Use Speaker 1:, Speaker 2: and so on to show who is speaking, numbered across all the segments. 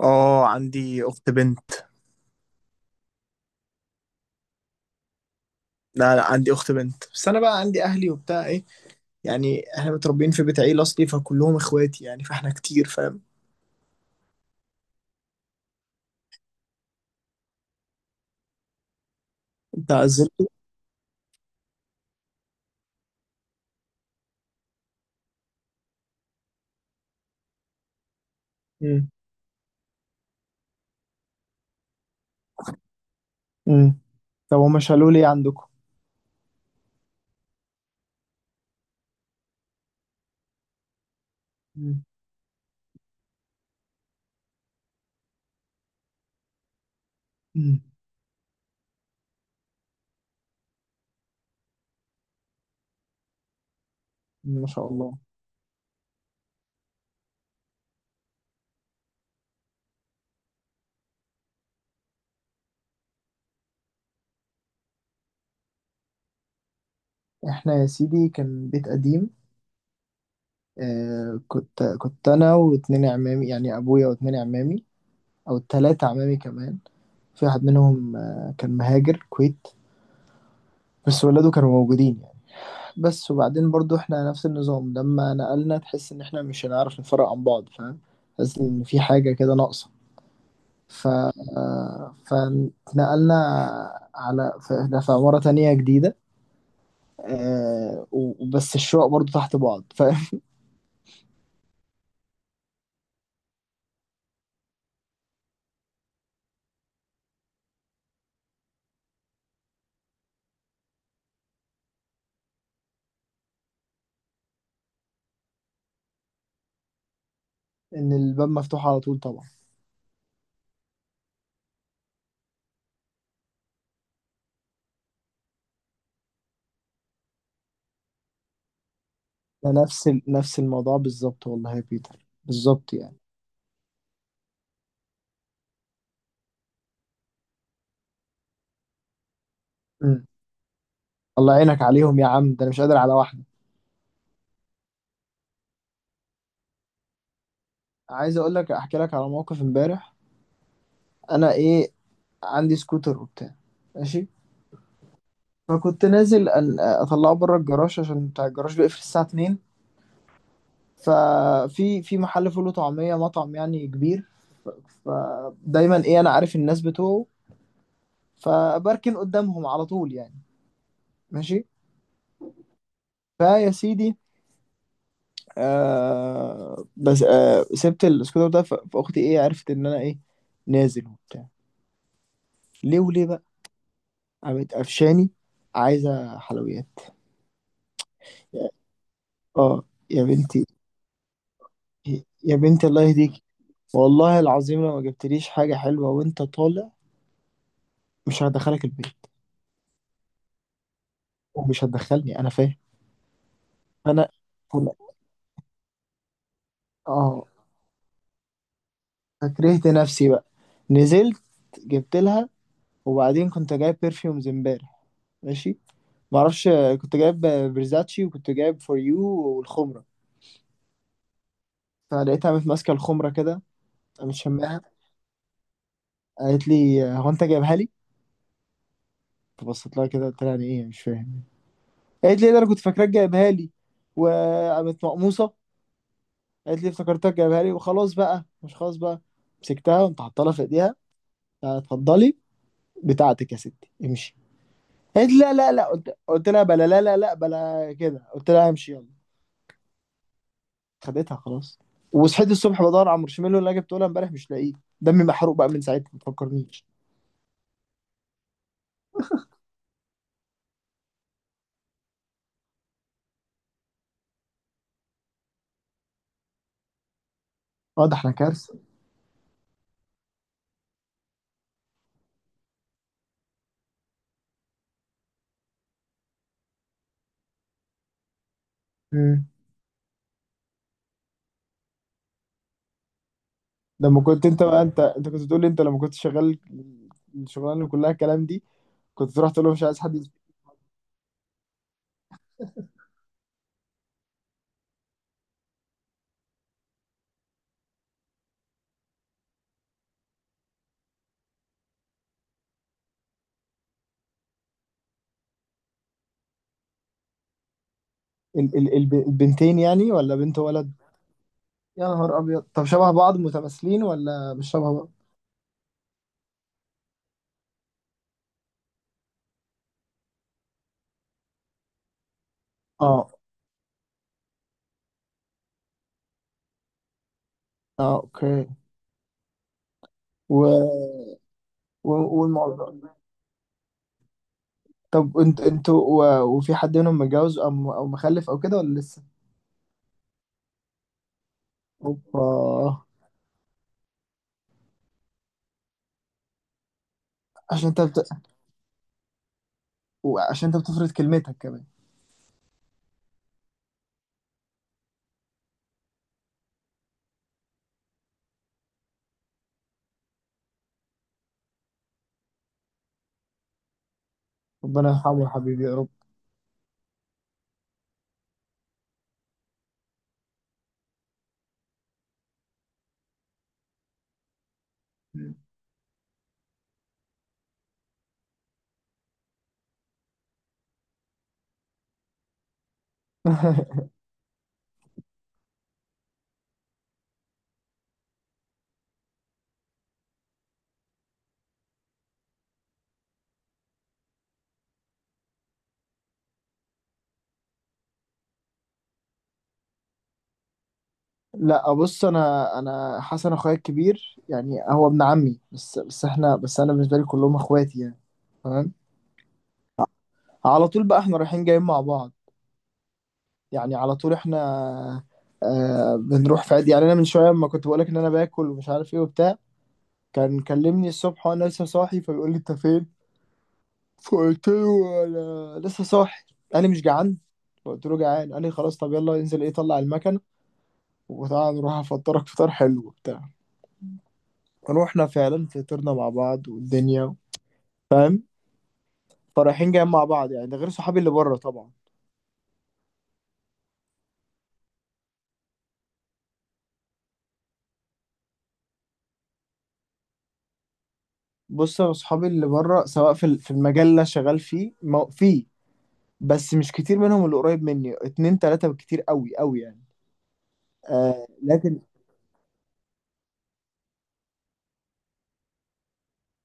Speaker 1: اه، عندي اخت بنت. لا لا، عندي اخت بنت بس. انا بقى عندي اهلي وبتاع ايه، يعني احنا متربيين في بيت عيله اصلي فكلهم اخواتي يعني، فاحنا كتير فاهم. انت عزلت؟ امم امم. طب هما شالوا لي إيه عندكم؟ امم امم. ما شاء الله. احنا يا سيدي كان بيت قديم. آه، كنت انا واتنين عمامي، يعني ابويا واتنين عمامي او تلاتة عمامي كمان. في واحد منهم آه، كان مهاجر كويت بس ولاده كانوا موجودين. بس وبعدين برضو احنا نفس النظام، لما نقلنا تحس ان احنا مش هنعرف نفرق عن بعض فاهم، تحس ان في حاجة كده ناقصة. ف فنقلنا على، فاحنا في عمارة تانية جديدة آه، وبس الشقق برضو تحت بعض فاهم. ان الباب مفتوح على طول طبعا. ده نفس نفس الموضوع بالظبط، والله يا بيتر بالظبط يعني. مم. الله يعينك عليهم يا عم، ده انا مش قادر على واحدة. عايز اقول لك، احكي لك على موقف امبارح. انا ايه، عندي سكوتر وبتاع. ماشي. فكنت نازل أن اطلعه بره الجراج عشان بتاع الجراج بيقفل الساعه 2. ففي محل فول وطعميه، مطعم يعني كبير، فدايما ايه، انا عارف الناس بتوعه، فبركن قدامهم على طول يعني. ماشي. فيا سيدي آه، بس آه سبت السكوتر ده فاختي ايه، عرفت ان انا ايه، نازل وبتاع. ليه وليه بقى؟ قامت قفشاني، عايزه حلويات. اه. يا بنتي، يا بنتي الله يهديك، والله العظيم لو ما جبتليش حاجة حلوة وانت طالع مش هدخلك البيت. ومش هتدخلني انا فاهم. انا أنا- اه، فكرهت نفسي بقى، نزلت جبت لها. وبعدين كنت جايب برفيومز امبارح، ماشي، معرفش، كنت جايب برزاتشي، وكنت جايب فور يو، والخمرة. فلقيتها قامت ماسكة الخمرة كده، قامت شماها، قالت لي هو انت جايبها لي؟ فبصيت لها كده قلت لها يعني ايه مش فاهم. قالت لي ده انا كنت فاكراك جايبها لي، وقامت مقموصة. قالت لي افتكرتك جايبها لي وخلاص بقى، مش خلاص بقى. مسكتها وقمت حاطه لها في ايديها، آه اتفضلي بتاعتك يا ستي، امشي. قالت لي لا لا لا، قلت لها بلا لا لا لا بلا كده، قلت لها امشي يلا. خدتها خلاص. وصحيت الصبح بدور على المارشميلو اللي انا جبته لها امبارح مش لاقيه. دمي محروق بقى من ساعتها، ما تفكرنيش. اه ده احنا كارثه. امم. لما كنت انت كنت بتقول لي انت لما كنت شغال الشغلانه اللي كلها الكلام دي، كنت تروح تقول له مش عايز حد البنتين يعني، ولا بنت ولد؟ يا نهار ابيض، طب شبه بعض متماثلين ولا مش شبه بعض؟ اه. اه اوكي. و... و... والموضوع. طب انت انتوا وفي حد منهم متجوز او او مخلف او كده، ولا لسه؟ اوبا. عشان انت بت... عشان انت بتفرض كلمتك كمان. ربنا يرحمه يا حبيبي يا رب. لا بص، انا حسن اخويا الكبير يعني، هو ابن عمي بس، بس احنا بس انا بالنسبه لي كلهم اخواتي يعني. تمام. على طول بقى احنا رايحين جايين مع بعض يعني، على طول احنا آه، بنروح في عادي يعني. انا من شويه لما كنت بقولك ان انا باكل ومش عارف ايه وبتاع، كان كلمني الصبح وانا لسه صاحي، فبيقول لي انت فين؟ فقلت له انا لسه صاحي. قال لي مش جعان؟ فقلت له جعان. قال لي خلاص طب يلا انزل ايه طلع المكنه وتعالى نروح افطرك فطار حلو وبتاع. فروحنا فعلا فطرنا مع بعض والدنيا فاهم. فرايحين جايين مع بعض يعني، ده غير صحابي اللي بره طبعا. بص، يا صحابي اللي بره، سواء في المجال اللي أنا شغال فيه في، بس مش كتير منهم اللي قريب مني، اتنين تلاتة بالكتير قوي قوي يعني. آه لكن،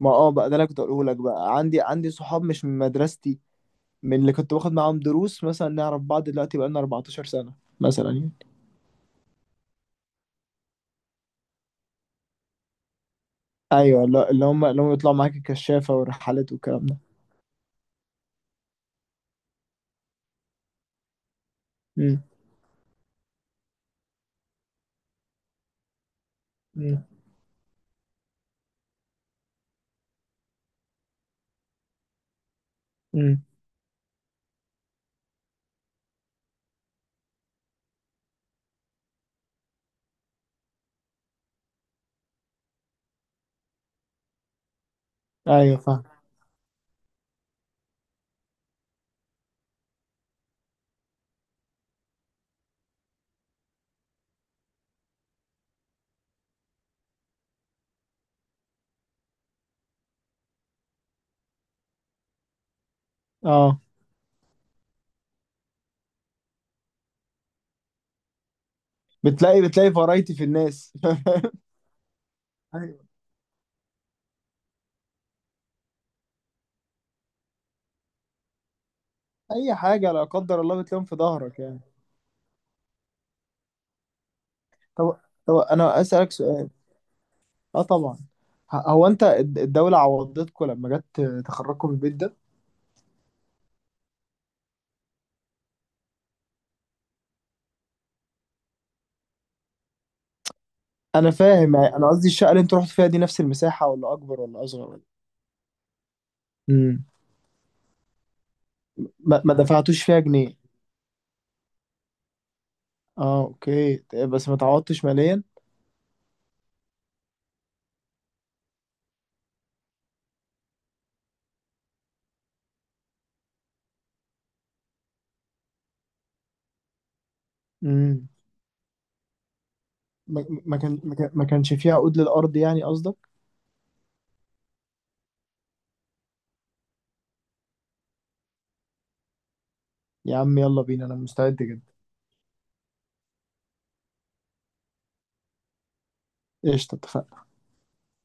Speaker 1: ما اه بقى ده اللي كنت اقوله لك، بقى عندي صحاب مش من مدرستي، من اللي كنت باخد معاهم دروس مثلا، نعرف بعض دلوقتي بقالنا 14 سنة مثلا يعني. ايوه، اللي هم يطلعوا معاك الكشافة والرحلات والكلام ده. امم امم امم ايوه فاهم. اه، بتلاقي فرايتي في الناس. ايوه، اي حاجة لا قدر الله بتلاقيهم في ظهرك يعني. طب طب انا اسألك سؤال. اه طبعا. هو انت الدولة عوضتكم لما جت تخرجكم من البيت ده؟ انا فاهم، انا قصدي الشقة اللي انتوا رحتوا فيها دي نفس المساحة ولا اكبر ولا اصغر ولا؟ امم. ما دفعتوش فيها جنيه. اه اوكي طيب، بس ما تعوضتش ماليا. امم. ما كانش فيها عقود للارض يعني قصدك. يا عم يلا بينا انا مستعد جدا. قشطة اتفقنا.